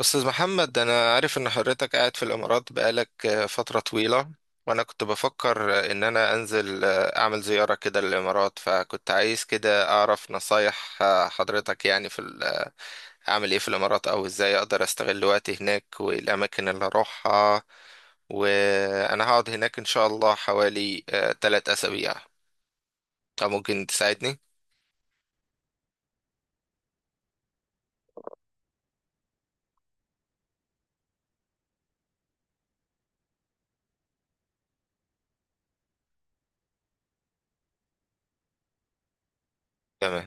أستاذ محمد، أنا عارف إن حضرتك قاعد في الإمارات بقالك فترة طويلة. وأنا كنت بفكر إن أنا أنزل أعمل زيارة كده للإمارات، فكنت عايز كده أعرف نصايح حضرتك يعني أعمل إيه في الإمارات، أو إزاي أقدر أستغل وقتي هناك والأماكن اللي أروحها. وأنا هقعد هناك إن شاء الله حوالي تلات أسابيع. فممكن تساعدني؟ تمام،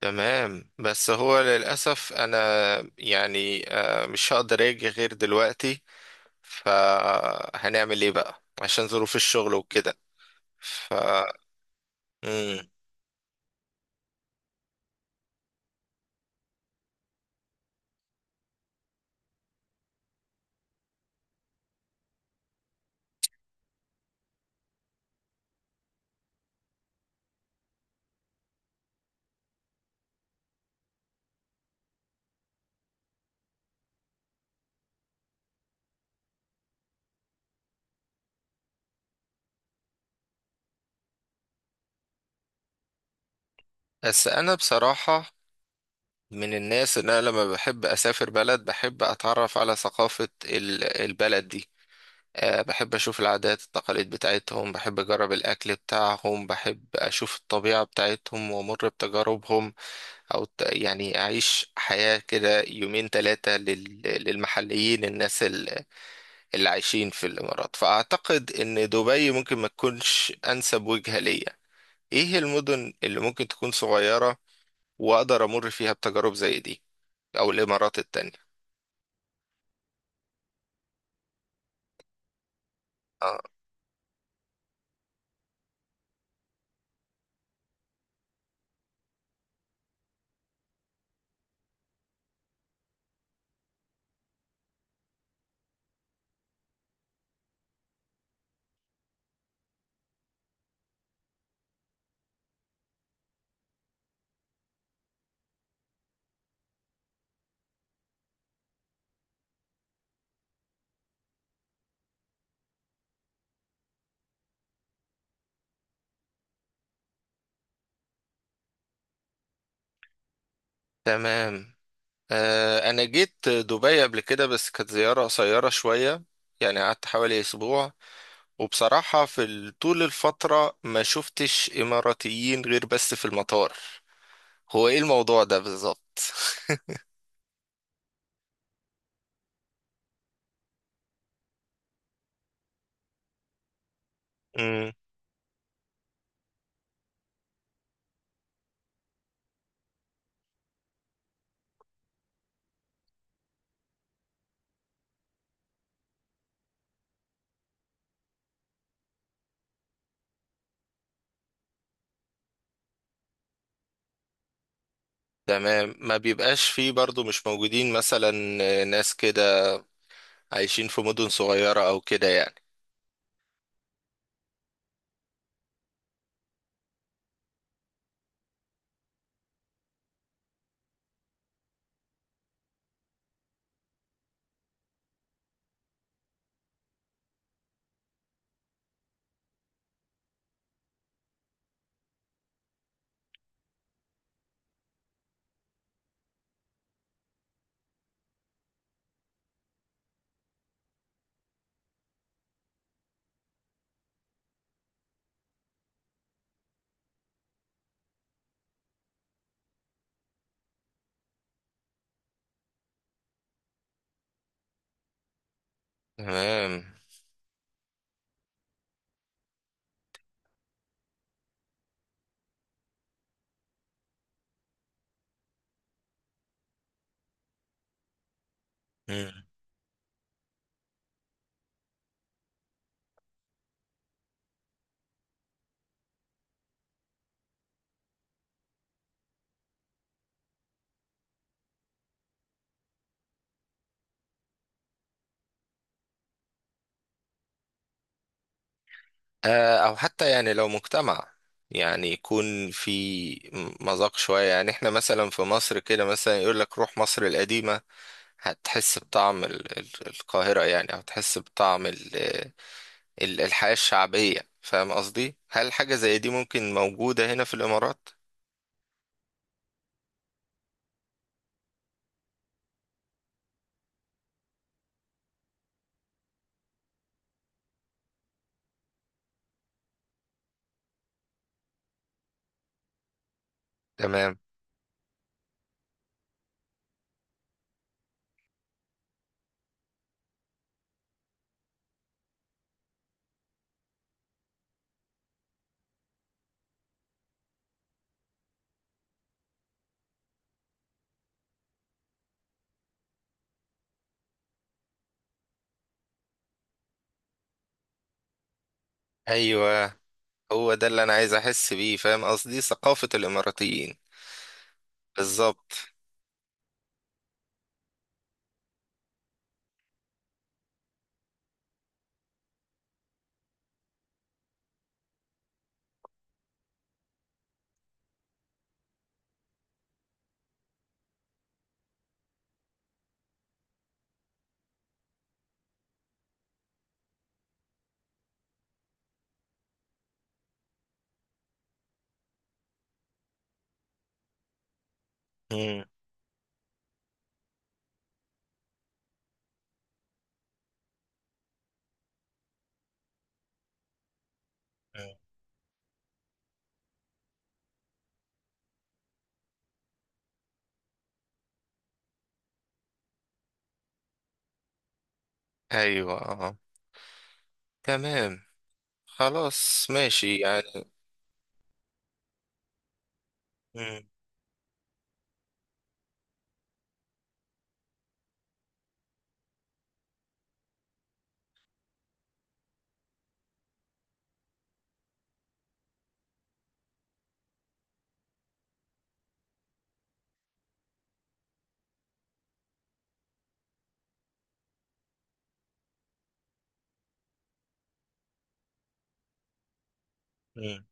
تمام. بس هو للأسف أنا يعني مش هقدر أجي غير دلوقتي، فهنعمل ايه بقى عشان ظروف الشغل وكده؟ ف مم. بس انا بصراحة من الناس ان انا لما بحب اسافر بلد بحب اتعرف على ثقافة البلد دي. أه، بحب اشوف العادات التقاليد بتاعتهم، بحب اجرب الاكل بتاعهم، بحب اشوف الطبيعة بتاعتهم وامر بتجاربهم، يعني اعيش حياة كده يومين ثلاثة للمحليين، الناس اللي عايشين في الإمارات. فأعتقد إن دبي ممكن ما تكونش أنسب وجهة ليا. إيه المدن اللي ممكن تكون صغيرة وأقدر أمر فيها بتجارب زي دي، أو الإمارات التانية؟ آه. تمام. آه، أنا جيت دبي قبل كده بس كانت زيارة قصيرة شوية، يعني قعدت حوالي أسبوع. وبصراحة في طول الفترة ما شفتش إماراتيين غير بس في المطار. هو إيه الموضوع ده بالظبط؟ تمام. ما بيبقاش فيه برضو؟ مش موجودين مثلا ناس كده عايشين في مدن صغيرة أو كده يعني؟ تمام. مم. آه، أو حتى يعني لو مجتمع يعني يكون في مذاق شوية. يعني احنا مثلا في مصر كده، مثلا يقول لك روح مصر القديمة، هتحس بطعم القاهرة، يعني أو تحس بطعم الحياة الشعبية. فاهم قصدي؟ هل حاجة زي دي ممكن موجودة هنا في الإمارات؟ تمام. أيوه، هو ده اللي انا عايز احس بيه، فاهم قصدي؟ ثقافة الاماراتيين. بالظبط. مم. مم. ايوه. آه. تمام. خلاص، ماشي يعني. مم. مم.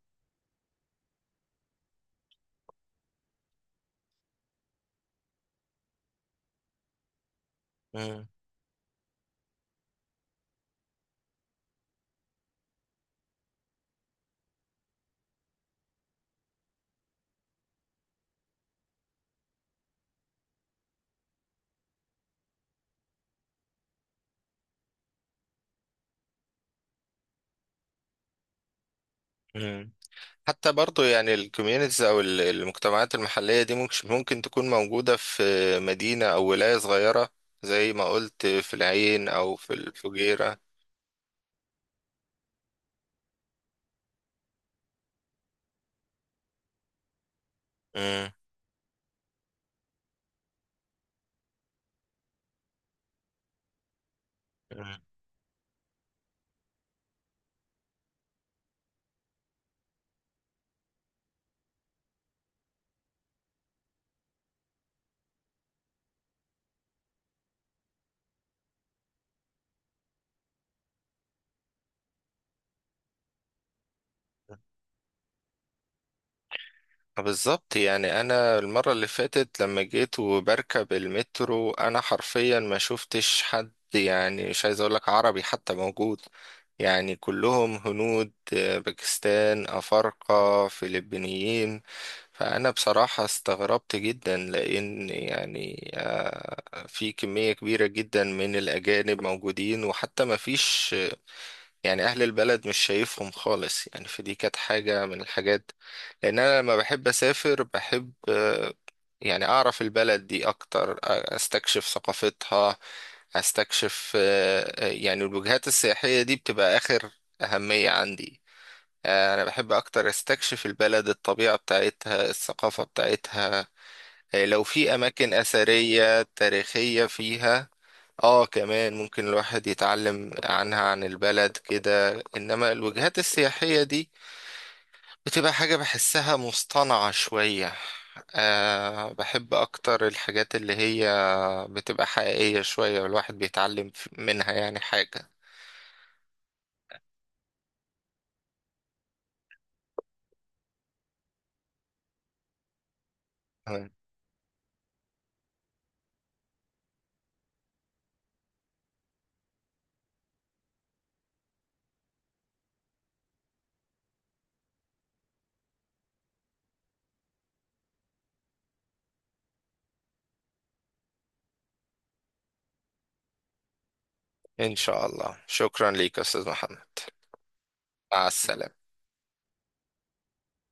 مم. مم. حتى برضو يعني الكوميونيتيز او المجتمعات المحلية دي ممكن تكون موجودة في مدينة او ولاية صغيرة، زي ما قلت في العين او في الفجيرة. مم. بالظبط. يعني انا المرة اللي فاتت لما جيت وبركب المترو، انا حرفيا ما شفتش حد، يعني مش عايز اقولك عربي حتى موجود. يعني كلهم هنود، باكستان، افارقة، فلبينيين. فانا بصراحة استغربت جدا، لان يعني في كمية كبيرة جدا من الاجانب موجودين، وحتى ما فيش يعني اهل البلد، مش شايفهم خالص يعني. فدي كانت حاجة من الحاجات، لان انا لما بحب اسافر بحب يعني اعرف البلد دي اكتر، استكشف ثقافتها، استكشف. يعني الوجهات السياحية دي بتبقى اخر اهمية عندي. انا بحب اكتر استكشف البلد، الطبيعة بتاعتها، الثقافة بتاعتها، لو في اماكن اثرية تاريخية فيها. اه، كمان ممكن الواحد يتعلم عنها، عن البلد كده. انما الوجهات السياحية دي بتبقى حاجة بحسها مصطنعة شوية. أه، بحب أكتر الحاجات اللي هي بتبقى حقيقية شوية، والواحد بيتعلم منها يعني حاجة. تمام. إن شاء الله. شكرا ليك يا أستاذ محمد. مع السلامة.